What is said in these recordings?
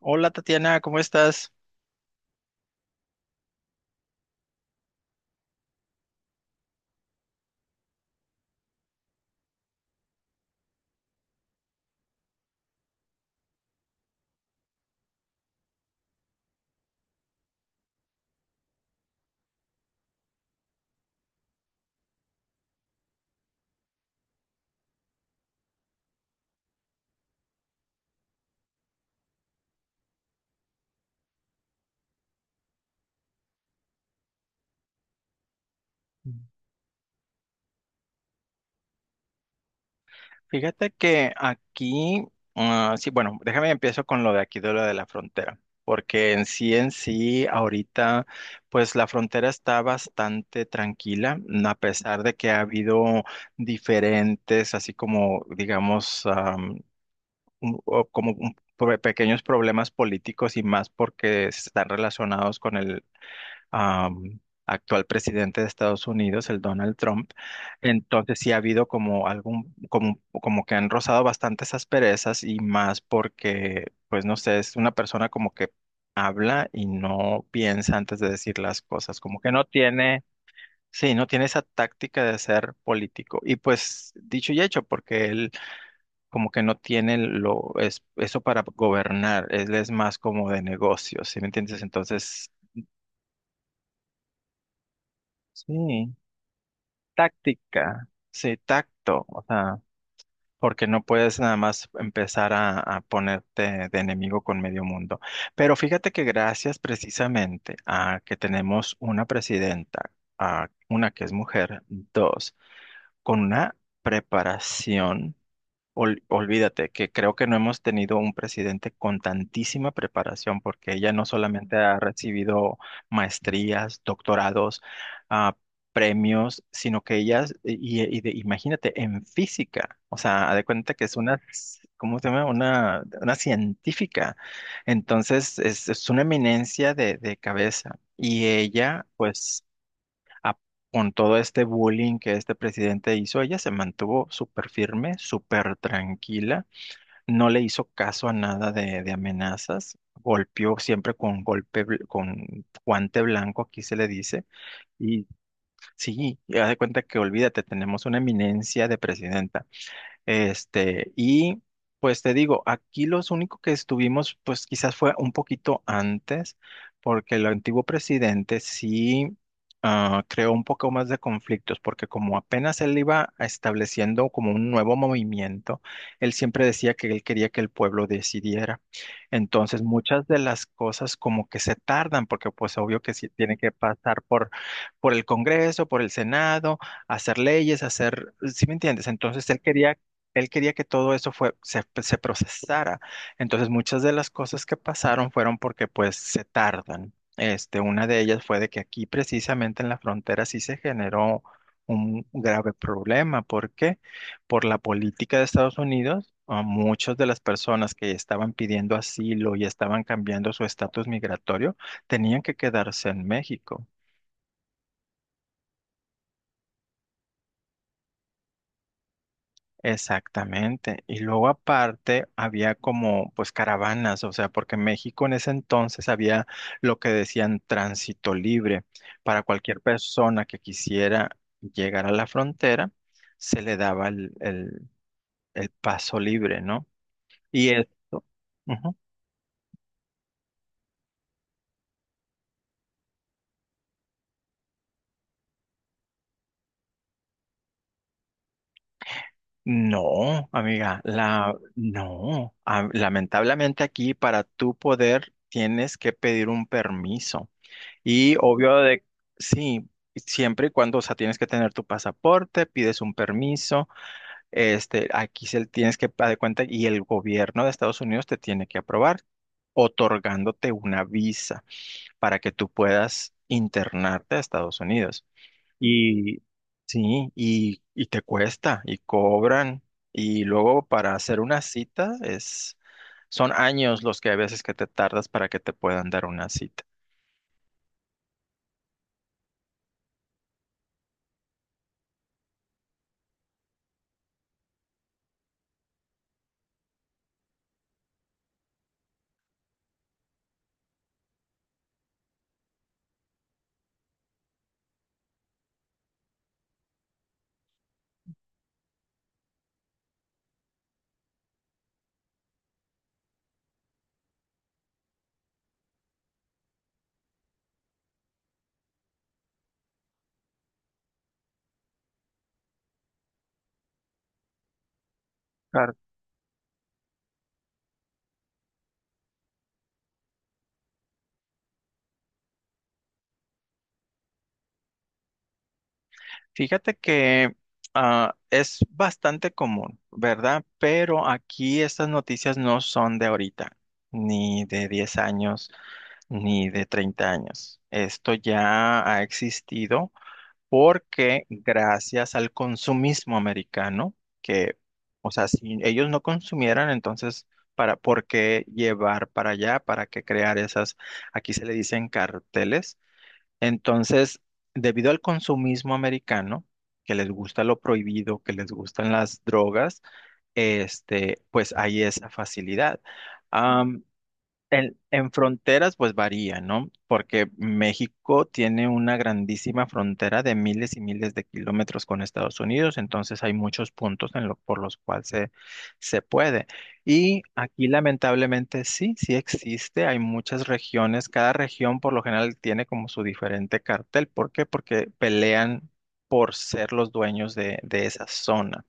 Hola Tatiana, ¿cómo estás? Fíjate que aquí, sí, bueno, déjame empiezo con lo de aquí, de lo de la frontera, porque en sí, ahorita, pues la frontera está bastante tranquila, mm, a pesar de que ha habido diferentes, así como, digamos, un- o como un- pro- pequeños problemas políticos y más porque están relacionados am, actual presidente de Estados Unidos, el Donald Trump. Entonces sí ha habido como algún, como, como que han rozado bastantes asperezas y más porque, pues no sé, es una persona como que habla y no piensa antes de decir las cosas, como que no tiene, sí, no tiene esa táctica de ser político. Y pues dicho y hecho, porque él como que no tiene lo, es, eso para gobernar, él es más como de negocios, ¿sí me entiendes? Entonces, sí. Táctica, sí, tacto, o sea, porque no puedes nada más empezar a ponerte de enemigo con medio mundo. Pero fíjate que gracias precisamente a que tenemos una presidenta, a una que es mujer, dos, con una preparación. Olvídate que creo que no hemos tenido un presidente con tantísima preparación, porque ella no solamente ha recibido maestrías, doctorados, ah, premios, sino que ella, imagínate, en física, o sea, haz de cuenta que es una, ¿cómo se llama? Una científica. Entonces, es una eminencia de cabeza. Y ella, pues a- con todo este bullying que este presidente hizo, ella se mantuvo súper firme, súper tranquila, no le hizo caso a nada de, de amenazas, golpeó siempre con golpe, con guante blanco, aquí se le dice, y sí, ya de cuenta que olvídate, tenemos una eminencia de presidenta. Este, y pues te digo, aquí los únicos que estuvimos, pues quizás fue un poquito antes, porque el antiguo presidente sí creó un poco más de conflictos, porque como apenas él iba estableciendo como un nuevo movimiento, él siempre decía que él quería que el pueblo decidiera. Entonces, muchas de las cosas como que se tardan, porque pues obvio que sí tiene que pasar por el Congreso, por el Senado hacer leyes, hacer, ¿sí me entiendes? Él quería que todo eso fue, se procesara. Entonces, muchas de las cosas que pasaron fueron porque pues se tardan. Este, una de ellas fue de que aquí precisamente en la frontera sí se generó un grave problema. ¿Por qué? Por la política de Estados Unidos, a muchas de las personas que estaban pidiendo asilo y estaban cambiando su estatus migratorio tenían que quedarse en México. Exactamente. Y luego aparte había como pues caravanas, o sea, porque México en ese entonces había lo que decían tránsito libre. Para cualquier persona que quisiera llegar a la frontera, se le daba el paso libre, ¿no? Y esto, ujú. No, amiga, la, no. Ah, lamentablemente aquí para tú poder tienes que pedir un permiso. Y obvio de, sí, siempre y cuando, o sea, tienes que tener tu pasaporte, pides un permiso, este, aquí se tienes que dar cuenta y el gobierno de Estados Unidos te tiene que aprobar, otorgándote una visa para que tú puedas internarte a Estados Unidos. Y sí, y te cuesta, y cobran, y luego para hacer una cita es, son años los que a veces que te tardas para que te puedan dar una cita. Fíjate que es bastante común, ¿verdad? Pero aquí estas noticias no son de ahorita, ni de 10 años, ni de 30 años. Esto ya ha existido porque gracias al consumismo americano, que, o sea, si ellos no consumieran, entonces, para, ¿por qué llevar para allá? ¿Para qué crear esas, aquí se le dicen carteles? Entonces, debido al consumismo americano, que les gusta lo prohibido, que les gustan las drogas, este, pues hay esa facilidad. En fronteras, pues varía, ¿no? Porque México tiene una grandísima frontera de miles y miles de kilómetros con Estados Unidos, entonces hay muchos puntos por los cuales se puede. Y aquí lamentablemente sí, sí existe, hay muchas regiones, cada región por lo general tiene como su diferente cartel. ¿Por qué? Porque pelean por ser los dueños de esa zona.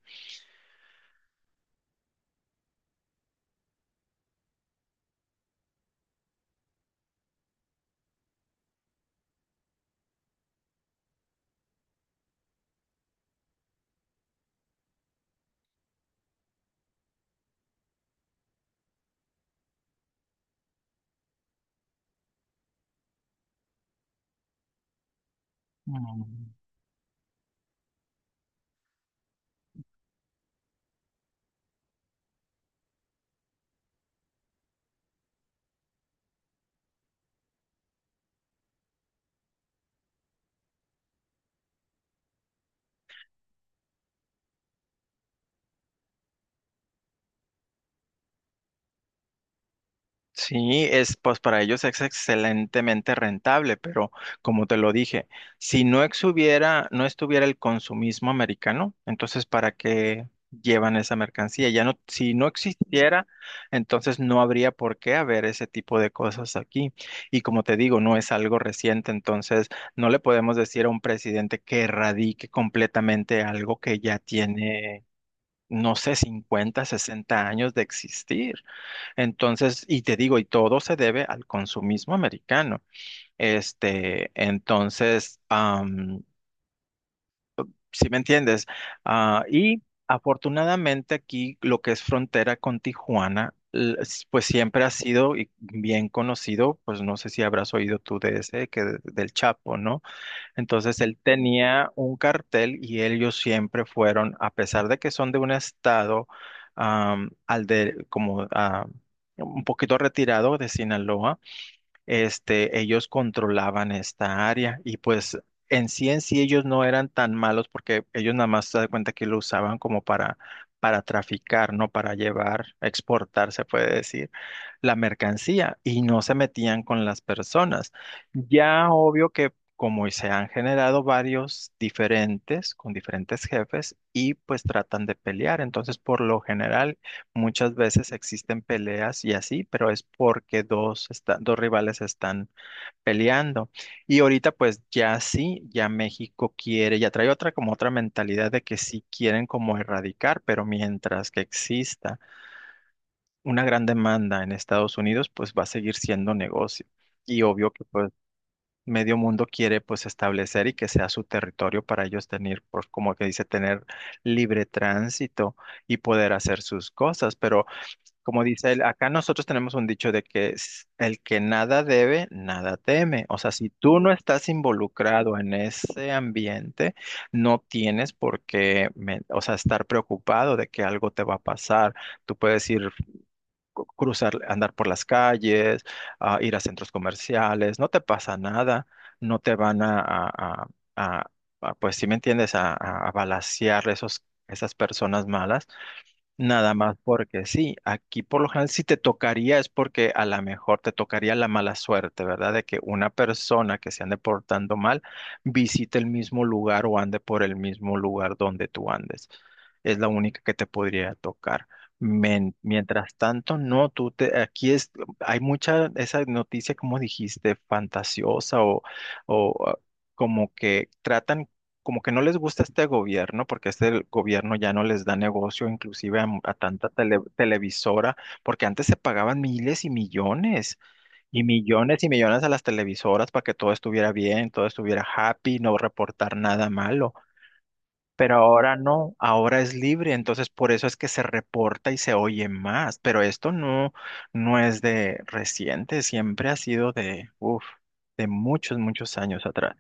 Mm. Sí, es pues para ellos es excelentemente rentable, pero como te lo dije, si no exhubiera, no estuviera el consumismo americano, entonces ¿para qué llevan esa mercancía? Ya no, si no existiera, entonces no habría por qué haber ese tipo de cosas aquí. Y como te digo, no es algo reciente, entonces no le podemos decir a un presidente que erradique completamente algo que ya tiene no sé, 50 60 años de existir. Entonces, y te digo, y todo se debe al consumismo americano. Este, entonces, si me entiendes, ah, y afortunadamente aquí lo que es frontera con Tijuana, pues siempre ha sido y bien conocido, pues no sé si habrás oído tú de ese, que del Chapo, ¿no? Entonces él tenía un cartel y ellos siempre fueron, a pesar de que son de un estado am, al de como ah, un poquito retirado de Sinaloa, este, ellos controlaban esta área y pues en sí ellos no eran tan malos porque ellos nada más se dan cuenta que lo usaban como para traficar, no para llevar, exportar, se puede decir la mercancía y no se metían con las personas. Ya obvio que como se han generado varios diferentes con diferentes jefes y pues tratan de pelear. Entonces, por lo general, muchas veces existen peleas y así, pero es porque dos, dos rivales están peleando. Y ahorita pues ya sí, ya México quiere, ya trae otra como otra mentalidad de que sí quieren como erradicar, pero mientras que exista una gran demanda en Estados Unidos, pues va a seguir siendo negocio. Y obvio que pues medio mundo quiere pues establecer y que sea su territorio para ellos tener, pues como que dice, tener libre tránsito y poder hacer sus cosas. Pero como dice él, acá nosotros tenemos un dicho de que el que nada debe, nada teme. O sea, si tú no estás involucrado en ese ambiente, no tienes por qué, o sea, estar preocupado de que algo te va a pasar. Tú puedes ir cruzar, andar por las calles, ir a centros comerciales, no te pasa nada, no te van a- a- a, pues si me entiendes, a balacear esos, esas personas malas. Nada más porque sí, aquí por lo general si te tocaría es porque a lo mejor te tocaría la mala suerte, ¿verdad? De que una persona que se ande portando mal visite el mismo lugar o ande por el mismo lugar donde tú andes. Es la única que te podría tocar. Mientras tanto, no, tú te, aquí es, hay mucha, esa noticia, como dijiste, fantasiosa o, o ah, como que tratan como que no les gusta este gobierno, porque este gobierno ya no les da negocio, inclusive a, a tanta televisora, porque antes se pagaban miles y millones, y millones y millones a las televisoras para que todo estuviera bien, todo estuviera happy, no reportar nada malo. Pero ahora no, ahora es libre, entonces por eso es que se reporta y se oye más. Pero esto no, no es de reciente, siempre ha sido de, uf, de muchos, muchos años atrás.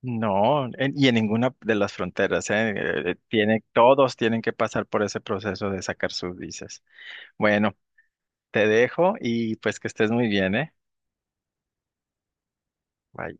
No, y en ninguna de las fronteras, ¿eh? Tiene, todos tienen que pasar por ese proceso de sacar sus visas. Bueno, te dejo y pues que estés muy bien, ¿eh? Bye.